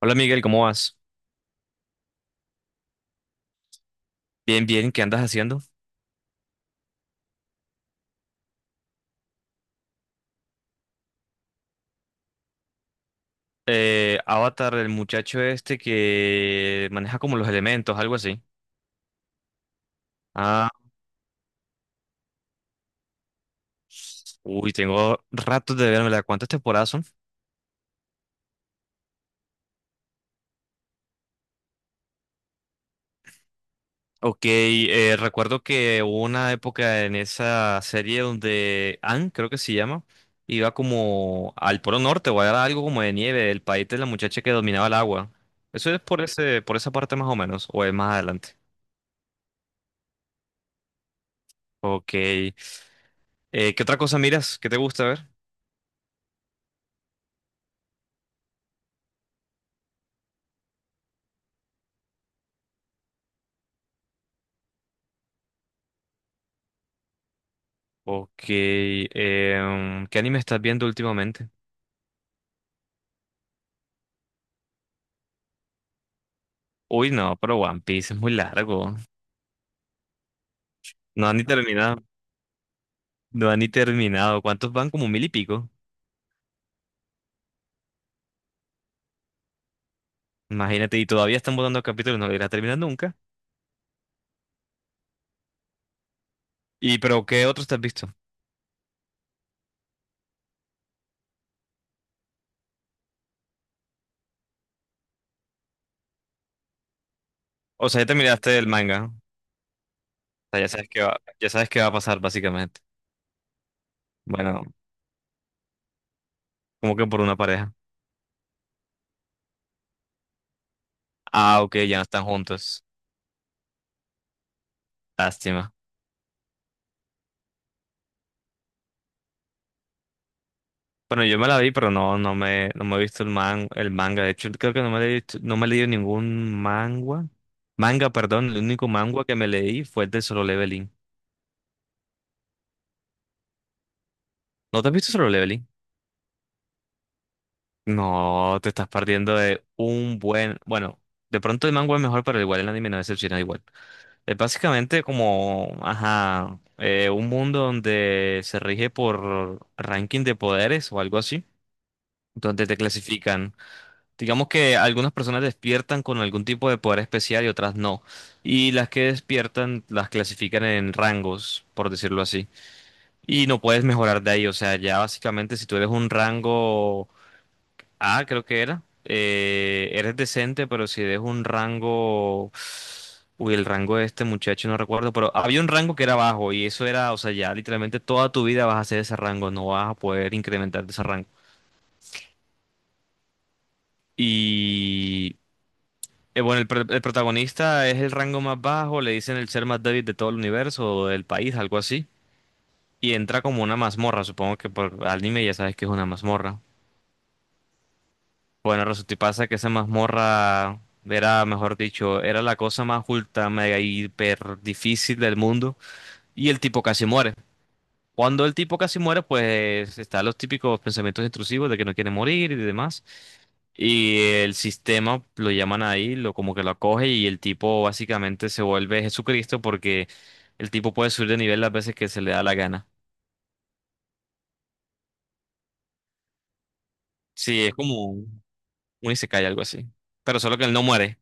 Hola Miguel, ¿cómo vas? Bien, bien, ¿qué andas haciendo? Avatar, el muchacho este que maneja como los elementos, algo así. Ah, uy, tengo ratos de verme, ¿cuántas temporadas son? Ok, recuerdo que hubo una época en esa serie donde Anne, creo que se llama, iba como al Polo Norte o era algo como de nieve, el país de la muchacha que dominaba el agua. Eso es por ese, por esa parte más o menos, o es más adelante. Ok. ¿Qué otra cosa miras? ¿Qué te gusta ver? Ok, ¿qué anime estás viendo últimamente? Uy, no, pero One Piece es muy largo. No han ni terminado. No han ni terminado. ¿Cuántos van? Como mil y pico. Imagínate, y todavía están botando capítulos, no lo irá a terminar nunca. ¿Y pero qué otros te has visto? O sea, ya te miraste el manga. O sea, ya sabes qué va, ya sabes qué va a pasar, básicamente. Bueno, como que por una pareja. Ah, ok, ya no están juntos. Lástima. Bueno, yo me la vi, pero no me he visto el el manga. De hecho, creo que no me he leído ningún manga. Manga, perdón, el único manga que me leí fue el de Solo Leveling. ¿No te has visto Solo Leveling? No, te estás perdiendo de un buen. Bueno, de pronto el manga es mejor, pero igual el anime no decepciona igual. Es básicamente como, ajá, un mundo donde se rige por ranking de poderes o algo así, donde te clasifican. Digamos que algunas personas despiertan con algún tipo de poder especial y otras no. Y las que despiertan las clasifican en rangos, por decirlo así. Y no puedes mejorar de ahí. O sea, ya básicamente si tú eres un rango A, creo que era, eres decente, pero si eres un rango... Uy, el rango de este muchacho no recuerdo, pero había un rango que era bajo y eso era, o sea, ya literalmente toda tu vida vas a hacer ese rango, no vas a poder incrementar de ese rango. Y bueno, el protagonista es el rango más bajo, le dicen el ser más débil de todo el universo o del país, algo así. Y entra como una mazmorra, supongo que por anime ya sabes que es una mazmorra. Bueno, resulta y pasa que esa mazmorra era, mejor dicho, era la cosa más ultra, mega, hiper difícil del mundo. Y el tipo casi muere. Cuando el tipo casi muere, pues están los típicos pensamientos intrusivos de que no quiere morir y demás. Y el sistema lo llaman ahí, lo como que lo acoge y el tipo básicamente se vuelve Jesucristo porque el tipo puede subir de nivel las veces que se le da la gana. Sí, es como un isekai, algo así. Pero solo que él no muere.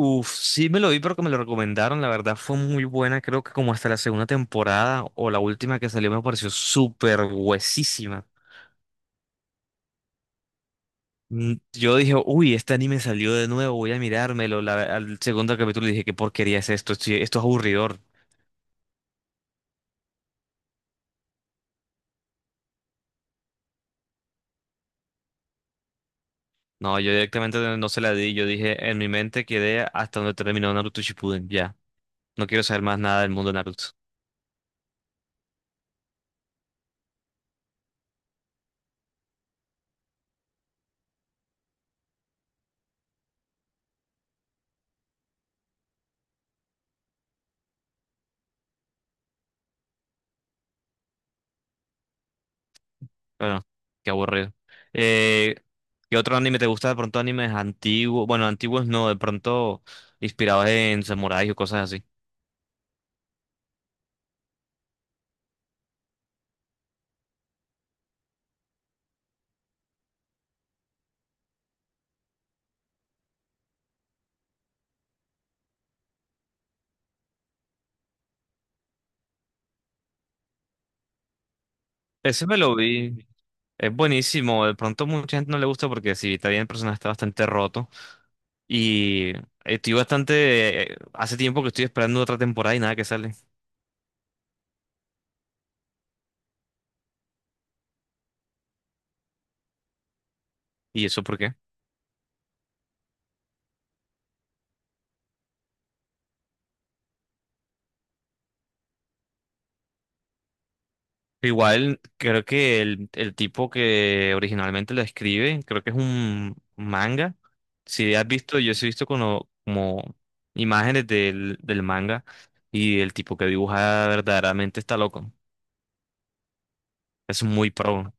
Uf, sí me lo vi, pero que me lo recomendaron. La verdad fue muy buena. Creo que como hasta la segunda temporada o la última que salió me pareció súper huesísima. Mm, yo dije, uy, este anime salió de nuevo, voy a mirármelo. Al segundo capítulo dije, ¿qué porquería es esto? Esto es aburridor. No, yo directamente no se la di. Yo dije, en mi mente quedé hasta donde terminó Naruto Shippuden. Ya, no quiero saber más nada del mundo de Naruto. Bueno, qué aburrido. Eh, ¿Qué otro anime te gusta? De pronto animes antiguos. Bueno, antiguos no, de pronto inspirados en samuráis o cosas así. Ese me lo vi. Es buenísimo, de pronto mucha gente no le gusta porque si está bien el personaje está bastante roto y estoy bastante, hace tiempo que estoy esperando otra temporada y nada que sale. ¿Y eso por qué? Igual creo que el tipo que originalmente lo escribe, creo que es un manga. Si has visto, yo sí he visto como imágenes del manga y el tipo que dibuja verdaderamente está loco. Es muy pro.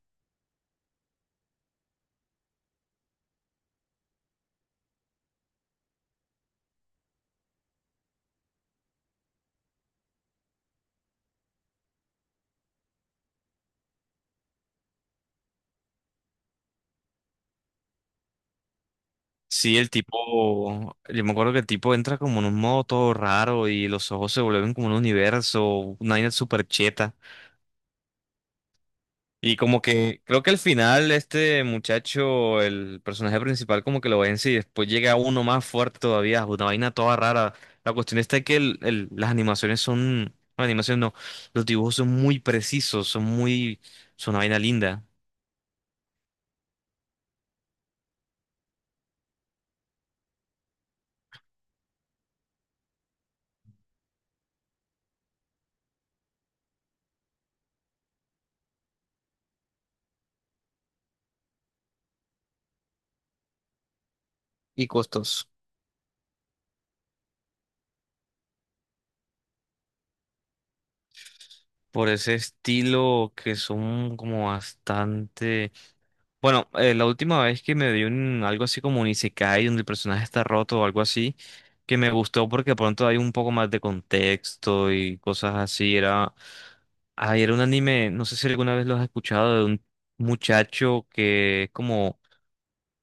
Sí, el tipo, yo me acuerdo que el tipo entra como en un modo todo raro y los ojos se vuelven como un universo, una vaina súper cheta. Y como que creo que al final este muchacho, el personaje principal, como que lo vence y después llega uno más fuerte todavía, una vaina toda rara. La cuestión está que las animaciones son, no, animaciones no, los dibujos son muy precisos, son muy, son una vaina linda. Y costos. Por ese estilo que son como bastante... Bueno, la última vez que me vi un, algo así como un isekai donde el personaje está roto o algo así, que me gustó porque de pronto hay un poco más de contexto y cosas así, era... Ay, era un anime, no sé si alguna vez lo has escuchado, de un muchacho que es como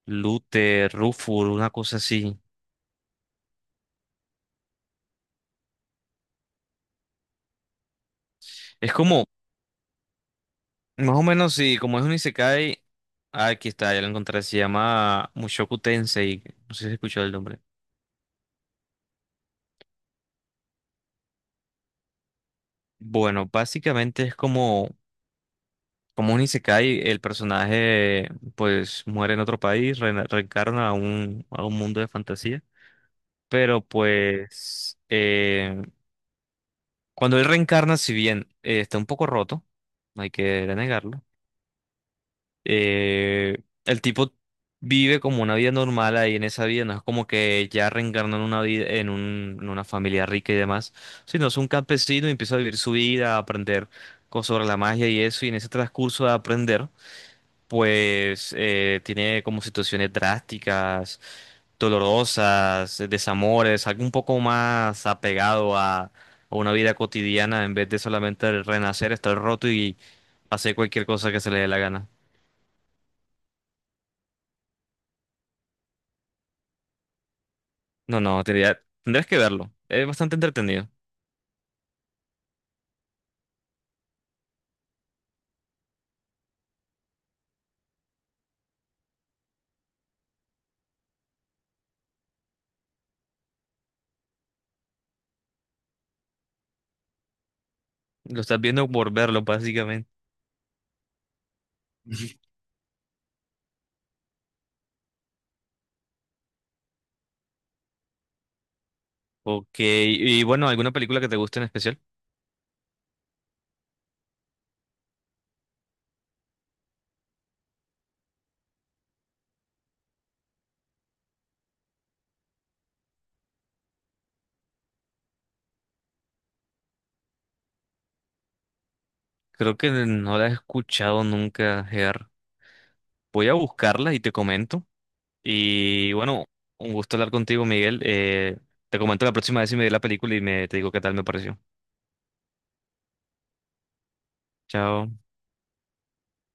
Luther, Rufur, una cosa así. Es como, más o menos, sí, como es un isekai, ah, aquí está, ya lo encontré, se llama Mushoku Tensei, no sé si has escuchado el nombre. Bueno, básicamente es como. Como un isekai, el personaje pues muere en otro país, reencarna a un mundo de fantasía. Pero pues cuando él reencarna, si bien está un poco roto, no hay que negarlo, eh, el tipo vive como una vida normal ahí en esa vida, no es como que ya reencarna en una vida, en una familia rica y demás, sino es un campesino y empieza a vivir su vida, a aprender cosas sobre la magia y eso, y en ese transcurso de aprender. Pues tiene como situaciones drásticas, dolorosas, desamores, algo un poco más apegado a una vida cotidiana en vez de solamente renacer, estar roto y hacer cualquier cosa que se le dé la gana. No, no, tendrías que verlo. Es bastante entretenido. Lo estás viendo por verlo, básicamente. Ok, y bueno, ¿alguna película que te guste en especial? Creo que no la he escuchado nunca, Ger. Voy a buscarla y te comento. Y bueno, un gusto hablar contigo, Miguel. Te comento la próxima vez si me vi la película y me te digo qué tal me pareció. Chao.